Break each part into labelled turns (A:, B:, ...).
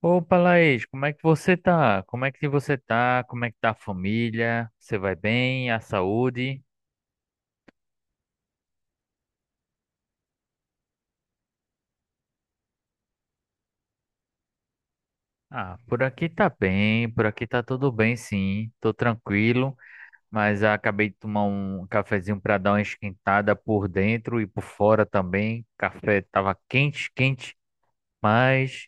A: Opa, Laís, como é que você tá? Como é que você tá? Como é que tá a família? Você vai bem? A saúde? Ah, por aqui tá bem, por aqui tá tudo bem, sim. Tô tranquilo, mas acabei de tomar um cafezinho pra dar uma esquentada por dentro e por fora também. Café tava quente, quente, mas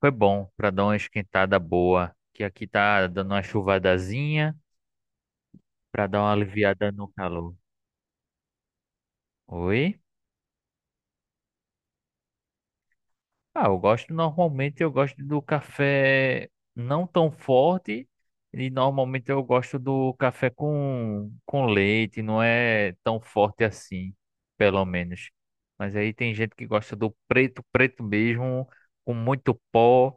A: foi bom pra dar uma esquentada boa. Que aqui tá dando uma chuvadazinha pra dar uma aliviada no calor. Oi? Ah, eu gosto normalmente, eu gosto do café não tão forte e normalmente eu gosto do café com leite, não é tão forte assim, pelo menos. Mas aí tem gente que gosta do preto, preto mesmo, com muito pó,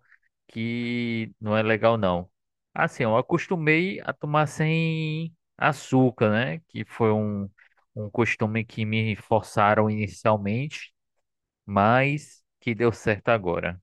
A: que não é legal não. Assim, eu acostumei a tomar sem açúcar, né? Que foi um costume que me forçaram inicialmente, mas que deu certo agora.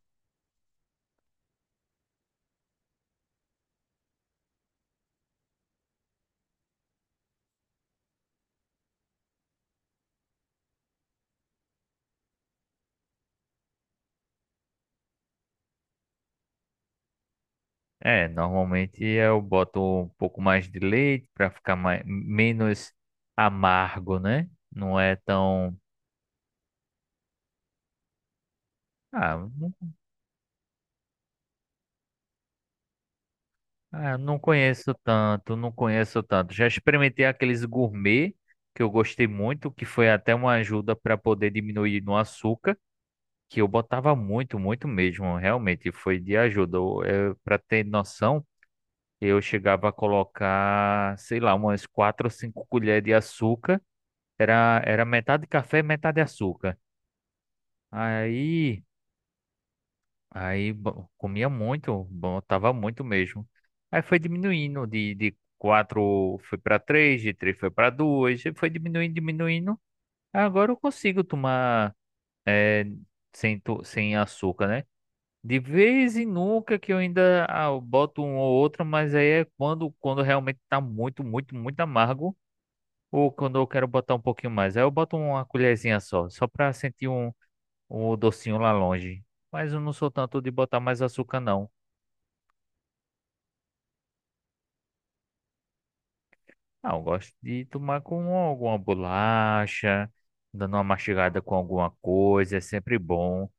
A: É, normalmente eu boto um pouco mais de leite para ficar mais, menos amargo, né? Não é tão. Ah, não, ah, não conheço tanto, não conheço tanto. Já experimentei aqueles gourmet que eu gostei muito, que foi até uma ajuda para poder diminuir no açúcar, que eu botava muito, muito mesmo. Realmente foi de ajuda. Para ter noção, eu chegava a colocar, sei lá, umas quatro ou cinco colheres de açúcar. Era, era metade café, metade açúcar. Aí, comia muito, botava muito mesmo. Aí foi diminuindo de quatro foi para três, de três foi para duas, e foi diminuindo, diminuindo. Agora eu consigo tomar eh, sem açúcar, né? De vez em nunca que eu ainda eu boto um ou outro, mas aí é quando, quando realmente tá muito, muito, muito amargo. Ou quando eu quero botar um pouquinho mais. Aí eu boto uma colherzinha só, só para sentir um o docinho lá longe. Mas eu não sou tanto de botar mais açúcar, não. Ah, eu gosto de tomar com alguma bolacha, dando uma mastigada com alguma coisa, é sempre bom.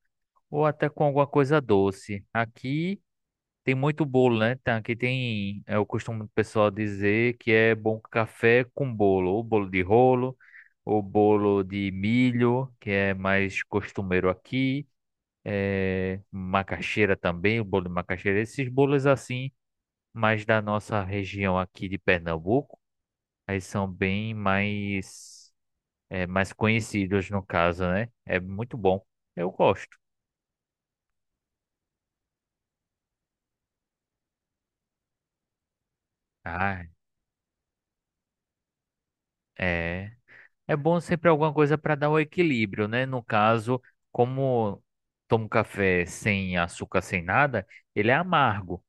A: Ou até com alguma coisa doce. Aqui tem muito bolo, né? Tá, aqui tem, é o costume do pessoal dizer que é bom café com bolo, ou bolo de rolo, ou bolo de milho, que é mais costumeiro aqui. É, macaxeira também, o bolo de macaxeira, esses bolos assim, mas da nossa região aqui de Pernambuco, eles são bem mais, é, mais conhecidos no caso, né? É muito bom. Eu gosto. Ah, é. É bom sempre alguma coisa para dar um equilíbrio, né? No caso, como tomo café sem açúcar, sem nada, ele é amargo.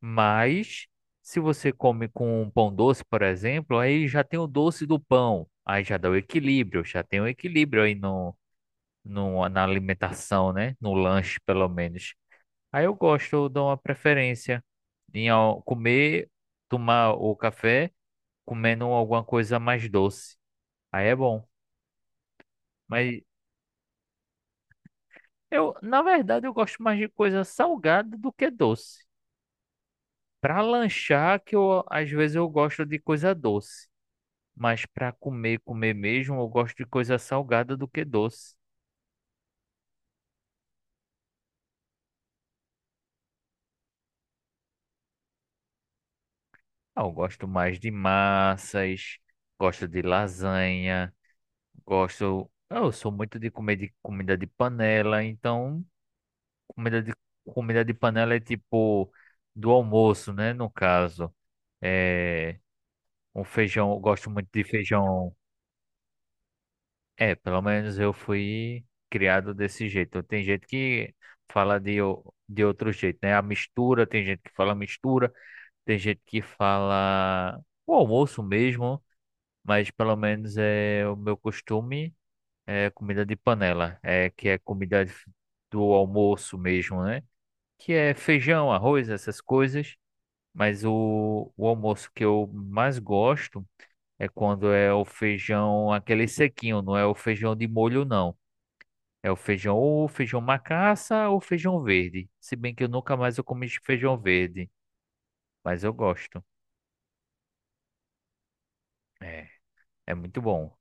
A: Mas se você come com um pão doce, por exemplo, aí já tem o doce do pão. Aí já dá o equilíbrio, já tem o equilíbrio aí no, na alimentação, né? No lanche, pelo menos. Aí eu gosto, eu dou uma preferência em ó, comer, tomar o café comendo alguma coisa mais doce. Aí é bom. Mas eu, na verdade, eu gosto mais de coisa salgada do que doce. Para lanchar, que eu, às vezes eu gosto de coisa doce. Mas para comer, comer mesmo, eu gosto de coisa salgada do que doce. Ah, eu gosto mais de massas, gosto de lasanha. Gosto. Eu sou muito de comer de comida de panela, então comida de comida de panela é tipo do almoço, né? No caso, é um feijão. Eu Gosto muito de feijão. É, pelo menos eu fui criado desse jeito. Tem gente que fala de outro jeito, né? A mistura, tem gente que fala mistura, tem gente que fala o almoço mesmo, mas pelo menos é o meu costume. É comida de panela, é que é do almoço mesmo, né? Que é feijão, arroz, essas coisas. Mas o almoço que eu mais gosto é quando é o feijão, aquele sequinho, não é o feijão de molho, não. É o feijão ou feijão macaça ou feijão verde. Se bem que eu nunca mais eu comi feijão verde, mas eu gosto. É, é muito bom.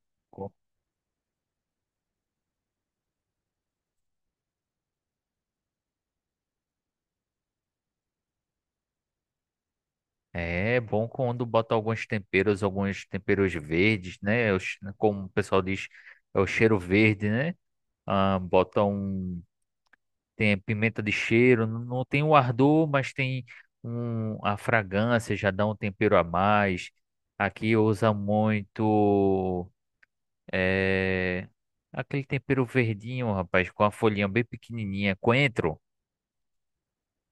A: É bom quando bota alguns temperos verdes, né? É Como o pessoal diz, é o cheiro verde, né? Ah, bota um. Tem pimenta de cheiro, não tem o ardor, mas tem um, a fragrância, já dá um tempero a mais. Aqui usa muito. É, aquele tempero verdinho, rapaz, com a folhinha bem pequenininha. Coentro,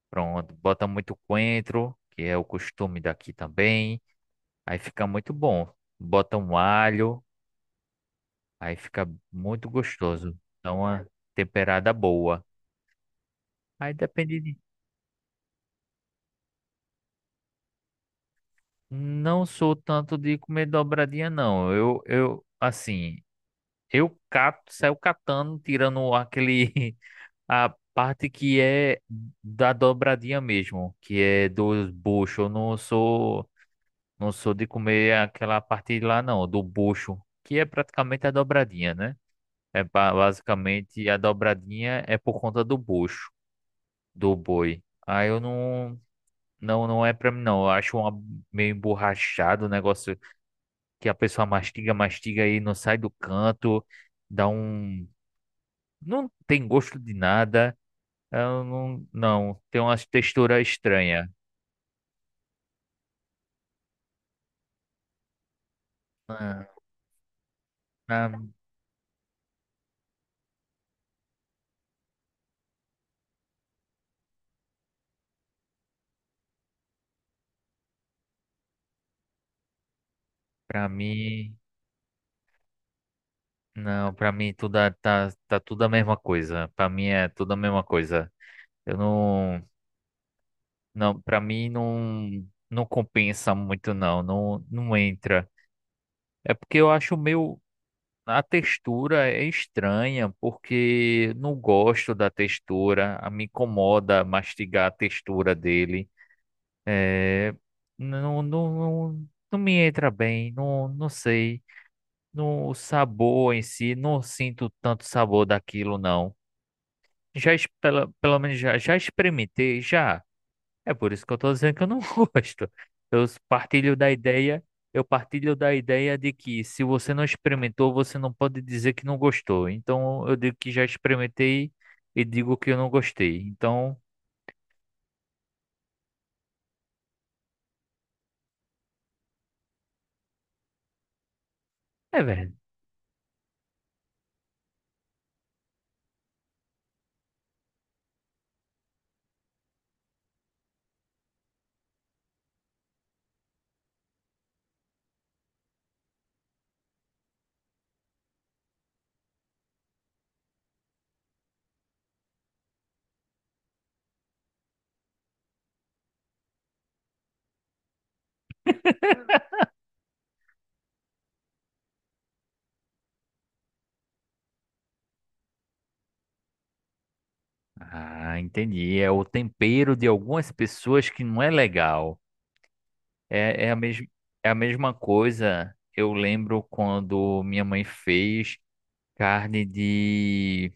A: pronto, bota muito coentro, que é o costume daqui também. Aí fica muito bom. Bota um alho, aí fica muito gostoso. Dá uma temperada boa. Aí depende de... Não sou tanto de comer dobradinha, não. Assim, eu cato, saio catando, tirando aquele... A parte que é da dobradinha mesmo, que é dos buchos. Eu não sou, não sou de comer aquela parte lá, não, do bucho, que é praticamente a dobradinha, né? É basicamente a dobradinha é por conta do bucho, do boi. Aí eu não, não, não é pra mim não. Eu acho uma, meio emborrachado o negócio que a pessoa mastiga, mastiga e não sai do canto, dá um, não tem gosto de nada. Eu não, não, tem uma textura estranha. Ah, Pra, pra mim, não, pra mim tá tudo a mesma coisa. Pra mim é tudo a mesma coisa. Eu não. Não, para mim não compensa muito não, não entra. É porque eu acho meio a textura é estranha, porque não gosto da textura, me incomoda mastigar a textura dele. É, não, não, não me entra bem, não, não sei. No, o sabor em si, não sinto tanto sabor daquilo não. Pela, pelo menos já, já experimentei, já. É por isso que eu tô dizendo que eu não gosto. Eu partilho da ideia, eu partilho da ideia de que se você não experimentou, você não pode dizer que não gostou. Então eu digo que já experimentei e digo que eu não gostei. Então, é verdade. Ah, entendi. É o tempero de algumas pessoas que não é legal. É, é a mes é a mesma coisa. Eu lembro quando minha mãe fez carne de.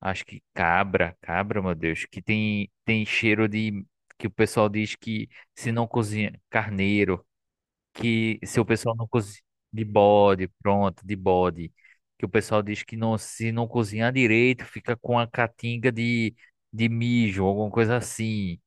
A: Acho que cabra, cabra, meu Deus, que tem, tem cheiro de. Que o pessoal diz que se não cozinha. Carneiro, que se o pessoal não cozinha. De bode, pronto, de bode. Que o pessoal diz que não, se não cozinhar direito, fica com a catinga de mijo, alguma coisa assim.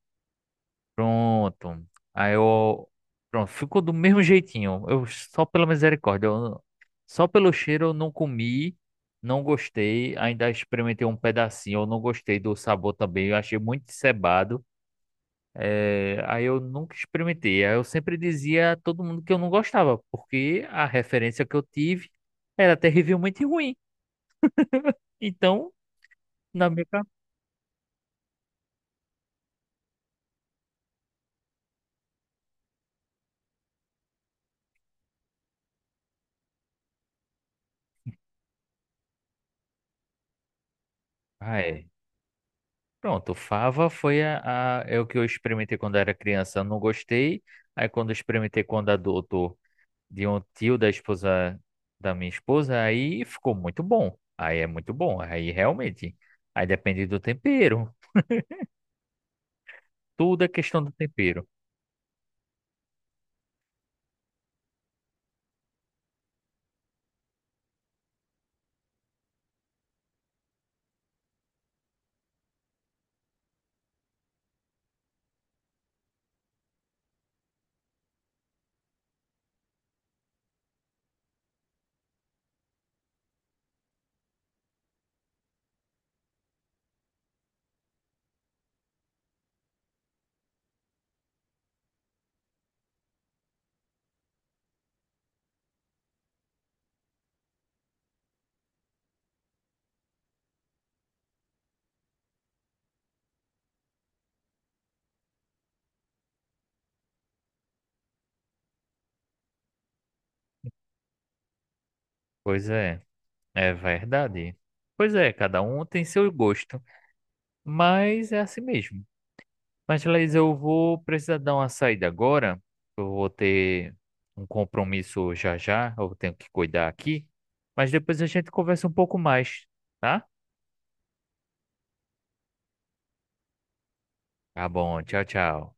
A: Pronto. Aí eu. Pronto, ficou do mesmo jeitinho. Eu só pela misericórdia. Só pelo cheiro eu não comi, não gostei. Ainda experimentei um pedacinho. Eu não gostei do sabor também. Eu achei muito cebado. É, aí eu nunca experimentei. Aí eu sempre dizia a todo mundo que eu não gostava, porque a referência que eu tive era terrivelmente ruim. Então, na minha cabeça. Pronto, fava foi é o que eu experimentei quando era criança, não gostei. Aí quando eu experimentei quando adulto de um tio da esposa da minha esposa, aí ficou muito bom. Aí é muito bom, aí realmente. Aí depende do tempero, tudo é questão do tempero. Pois é, é verdade. Pois é, cada um tem seu gosto, mas é assim mesmo. Mas, Laís, eu vou precisar dar uma saída agora. Eu vou ter um compromisso já já. Eu tenho que cuidar aqui. Mas depois a gente conversa um pouco mais, tá? Tá bom. Tchau, tchau.